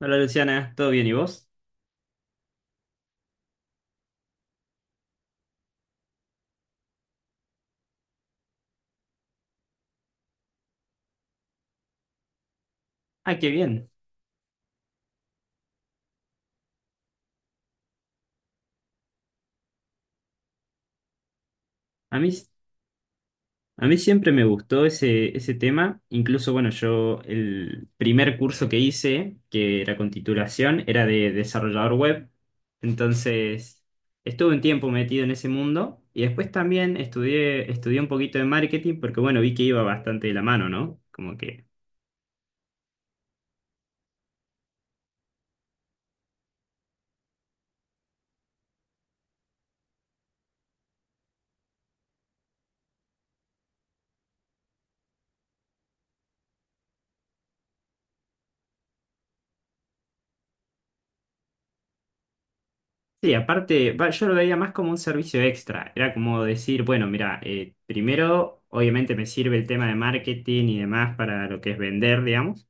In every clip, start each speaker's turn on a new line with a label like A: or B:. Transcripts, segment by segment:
A: Hola Luciana, ¿todo bien y vos? Ah, qué bien. A mí, a mí siempre me gustó ese tema. Incluso, bueno, yo el primer curso que hice, que era con titulación, era de desarrollador web. Entonces, estuve un tiempo metido en ese mundo y después también estudié un poquito de marketing porque, bueno, vi que iba bastante de la mano, ¿no? Como que sí, aparte, va, yo lo veía más como un servicio extra. Era como decir, bueno, mira, primero, obviamente me sirve el tema de marketing y demás para lo que es vender, digamos.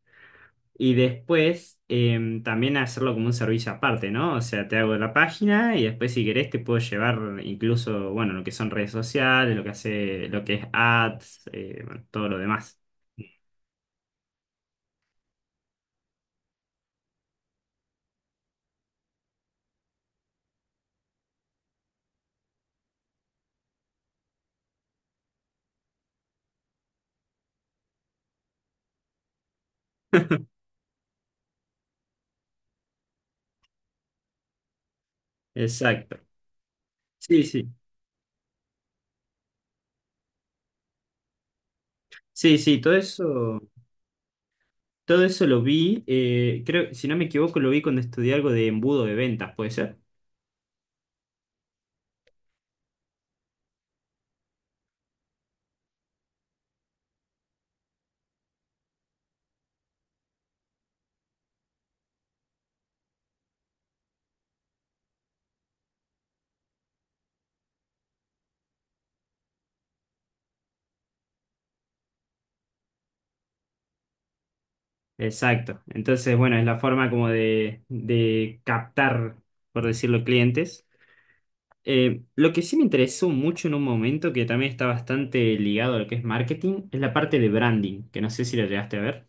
A: Y después, también hacerlo como un servicio aparte, ¿no? O sea, te hago la página y después, si querés, te puedo llevar incluso, bueno, lo que son redes sociales, lo que hace, lo que es ads, bueno, todo lo demás. Exacto. Sí, sí. Sí, sí, todo eso. Todo eso lo vi, creo, si no me equivoco, lo vi cuando estudié algo de embudo de ventas, ¿puede ser? Exacto. Entonces, bueno, es la forma como de captar, por decirlo, clientes. Lo que sí me interesó mucho en un momento, que también está bastante ligado a lo que es marketing, es la parte de branding, que no sé si lo llegaste a ver.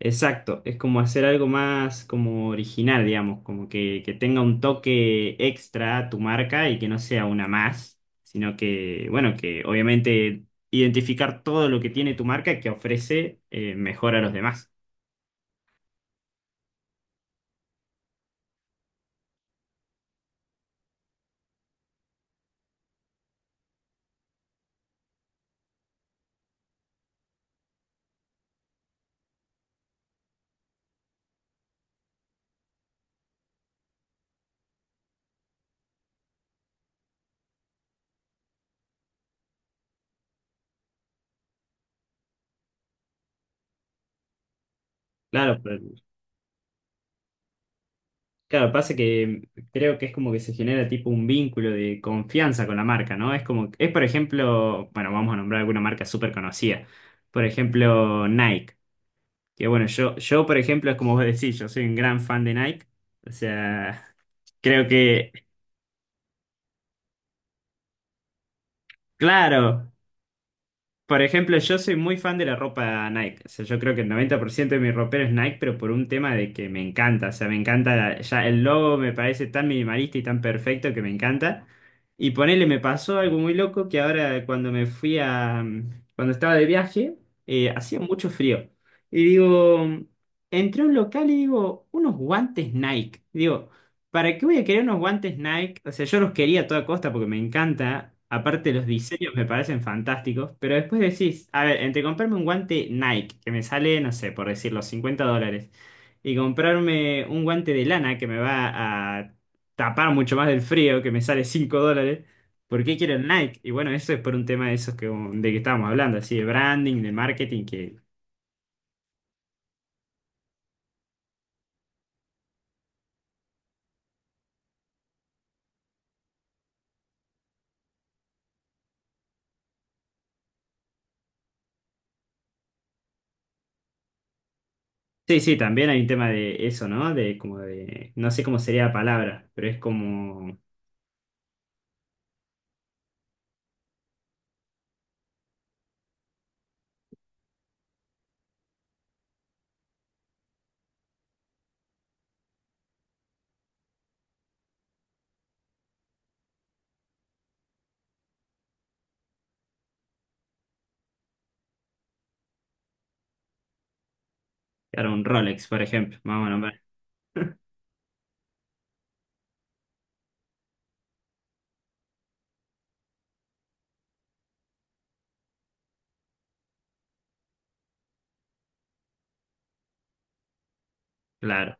A: Exacto, es como hacer algo más como original, digamos, como que tenga un toque extra a tu marca y que no sea una más, sino que, bueno, que obviamente identificar todo lo que tiene tu marca que ofrece mejor a los demás. Claro, pero claro, pasa que creo que es como que se genera tipo un vínculo de confianza con la marca, ¿no? Es como, es por ejemplo, bueno, vamos a nombrar alguna marca súper conocida. Por ejemplo, Nike. Que bueno, yo, por ejemplo, es como vos decís, yo soy un gran fan de Nike. O sea, creo que, claro, por ejemplo, yo soy muy fan de la ropa Nike. O sea, yo creo que el 90% de mi ropero es Nike, pero por un tema de que me encanta. O sea, me encanta, la ya el logo me parece tan minimalista y tan perfecto que me encanta. Y ponele, me pasó algo muy loco que ahora cuando me fui a, cuando estaba de viaje, hacía mucho frío. Y digo, entré a un local y digo, unos guantes Nike. Digo, ¿para qué voy a querer unos guantes Nike? O sea, yo los quería a toda costa porque me encanta. Aparte, los diseños me parecen fantásticos. Pero después decís, a ver, entre comprarme un guante Nike, que me sale, no sé, por decirlo, 50 dólares, y comprarme un guante de lana que me va a tapar mucho más del frío, que me sale 5 dólares, ¿por qué quiero el Nike? Y bueno, eso es por un tema de esos que, de que estábamos hablando, así de branding, de marketing, que. Sí, sí, también hay un tema de eso, ¿no? De como de. No sé cómo sería la palabra, pero es como. Claro, un Rolex, por ejemplo, vamos a nombrar. Claro.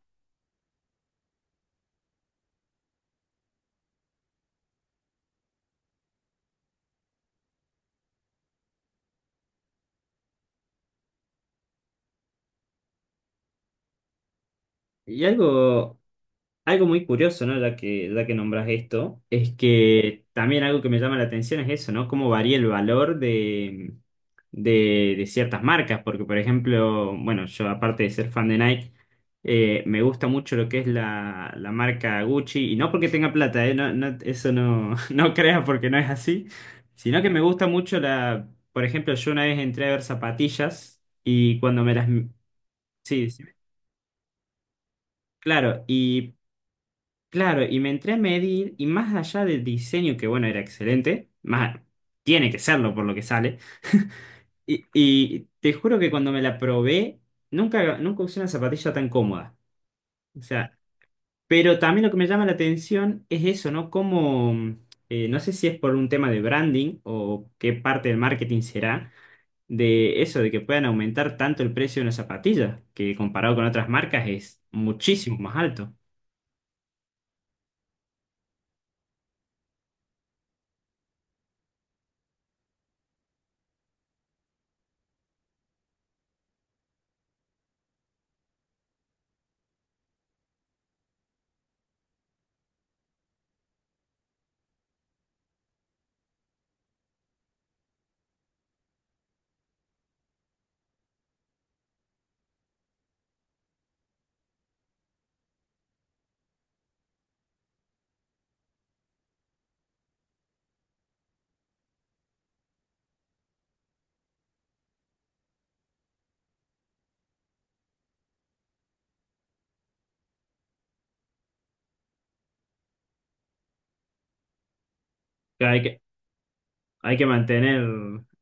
A: Y algo, algo muy curioso, ¿no? Ya que nombras esto, es que también algo que me llama la atención es eso, ¿no? Cómo varía el valor de ciertas marcas. Porque, por ejemplo, bueno, yo aparte de ser fan de Nike, me gusta mucho lo que es la marca Gucci. Y no porque tenga plata, ¿eh? No, no eso no, no creas porque no es así. Sino que me gusta mucho la Por ejemplo, yo una vez entré a ver zapatillas y cuando me las Sí, sí, claro. Y claro, y me entré a medir y más allá del diseño, que bueno, era excelente, más, tiene que serlo por lo que sale, y te juro que cuando me la probé, nunca usé una zapatilla tan cómoda. O sea, pero también lo que me llama la atención es eso, ¿no? Como, no sé si es por un tema de branding o qué parte del marketing será, de eso, de que puedan aumentar tanto el precio de una zapatilla, que comparado con otras marcas es muchísimo más alto. Claro, Hay que mantener,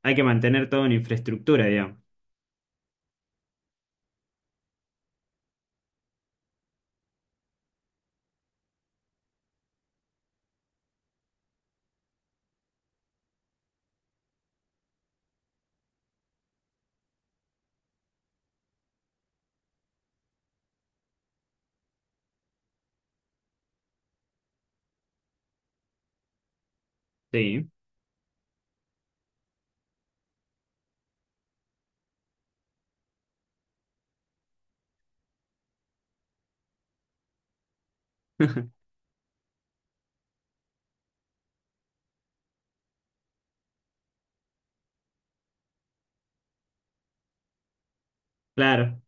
A: hay que mantener todo en infraestructura, digamos. Sí, claro.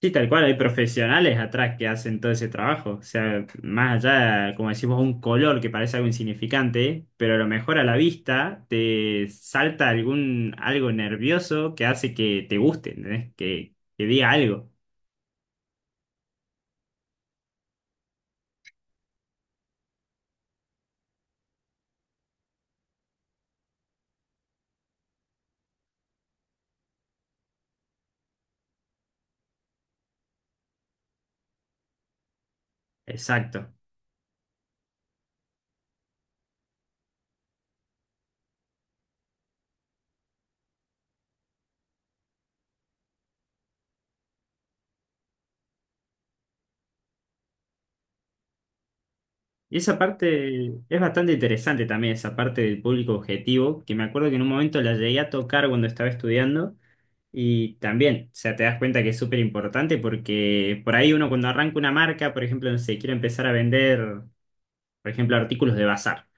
A: Sí, tal cual, hay profesionales atrás que hacen todo ese trabajo. O sea, más allá, como decimos, un color que parece algo insignificante, pero a lo mejor a la vista te salta algún algo nervioso que hace que te guste, ¿entendés? Que diga algo. Exacto. Y esa parte es bastante interesante también, esa parte del público objetivo, que me acuerdo que en un momento la llegué a tocar cuando estaba estudiando. Y también, o sea, te das cuenta que es súper importante porque por ahí uno cuando arranca una marca, por ejemplo, no sé, quiere empezar a vender, por ejemplo, artículos de bazar.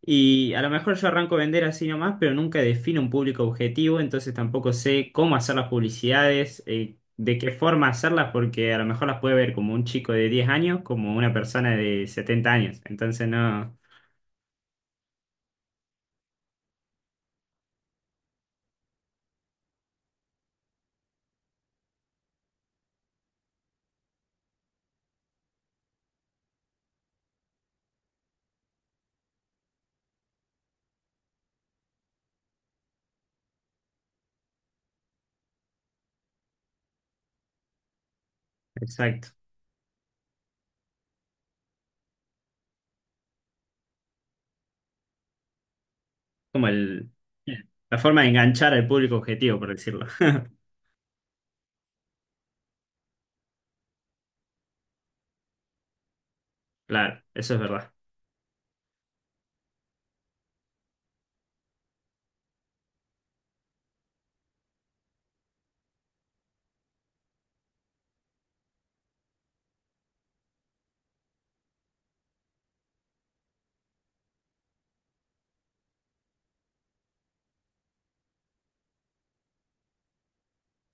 A: Y a lo mejor yo arranco a vender así nomás, pero nunca defino un público objetivo, entonces tampoco sé cómo hacer las publicidades, de qué forma hacerlas, porque a lo mejor las puede ver como un chico de 10 años, como una persona de 70 años. Entonces no, exacto, como el, la forma de enganchar al público objetivo, por decirlo. Claro, eso es verdad.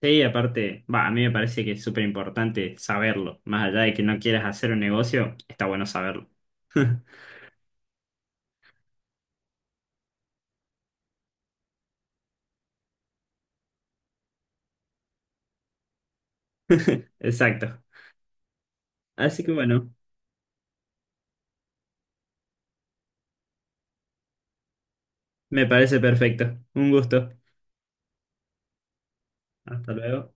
A: Sí, aparte, va, a mí me parece que es súper importante saberlo. Más allá de que no quieras hacer un negocio, está bueno saberlo. Exacto. Así que bueno, me parece perfecto. Un gusto. Hasta luego.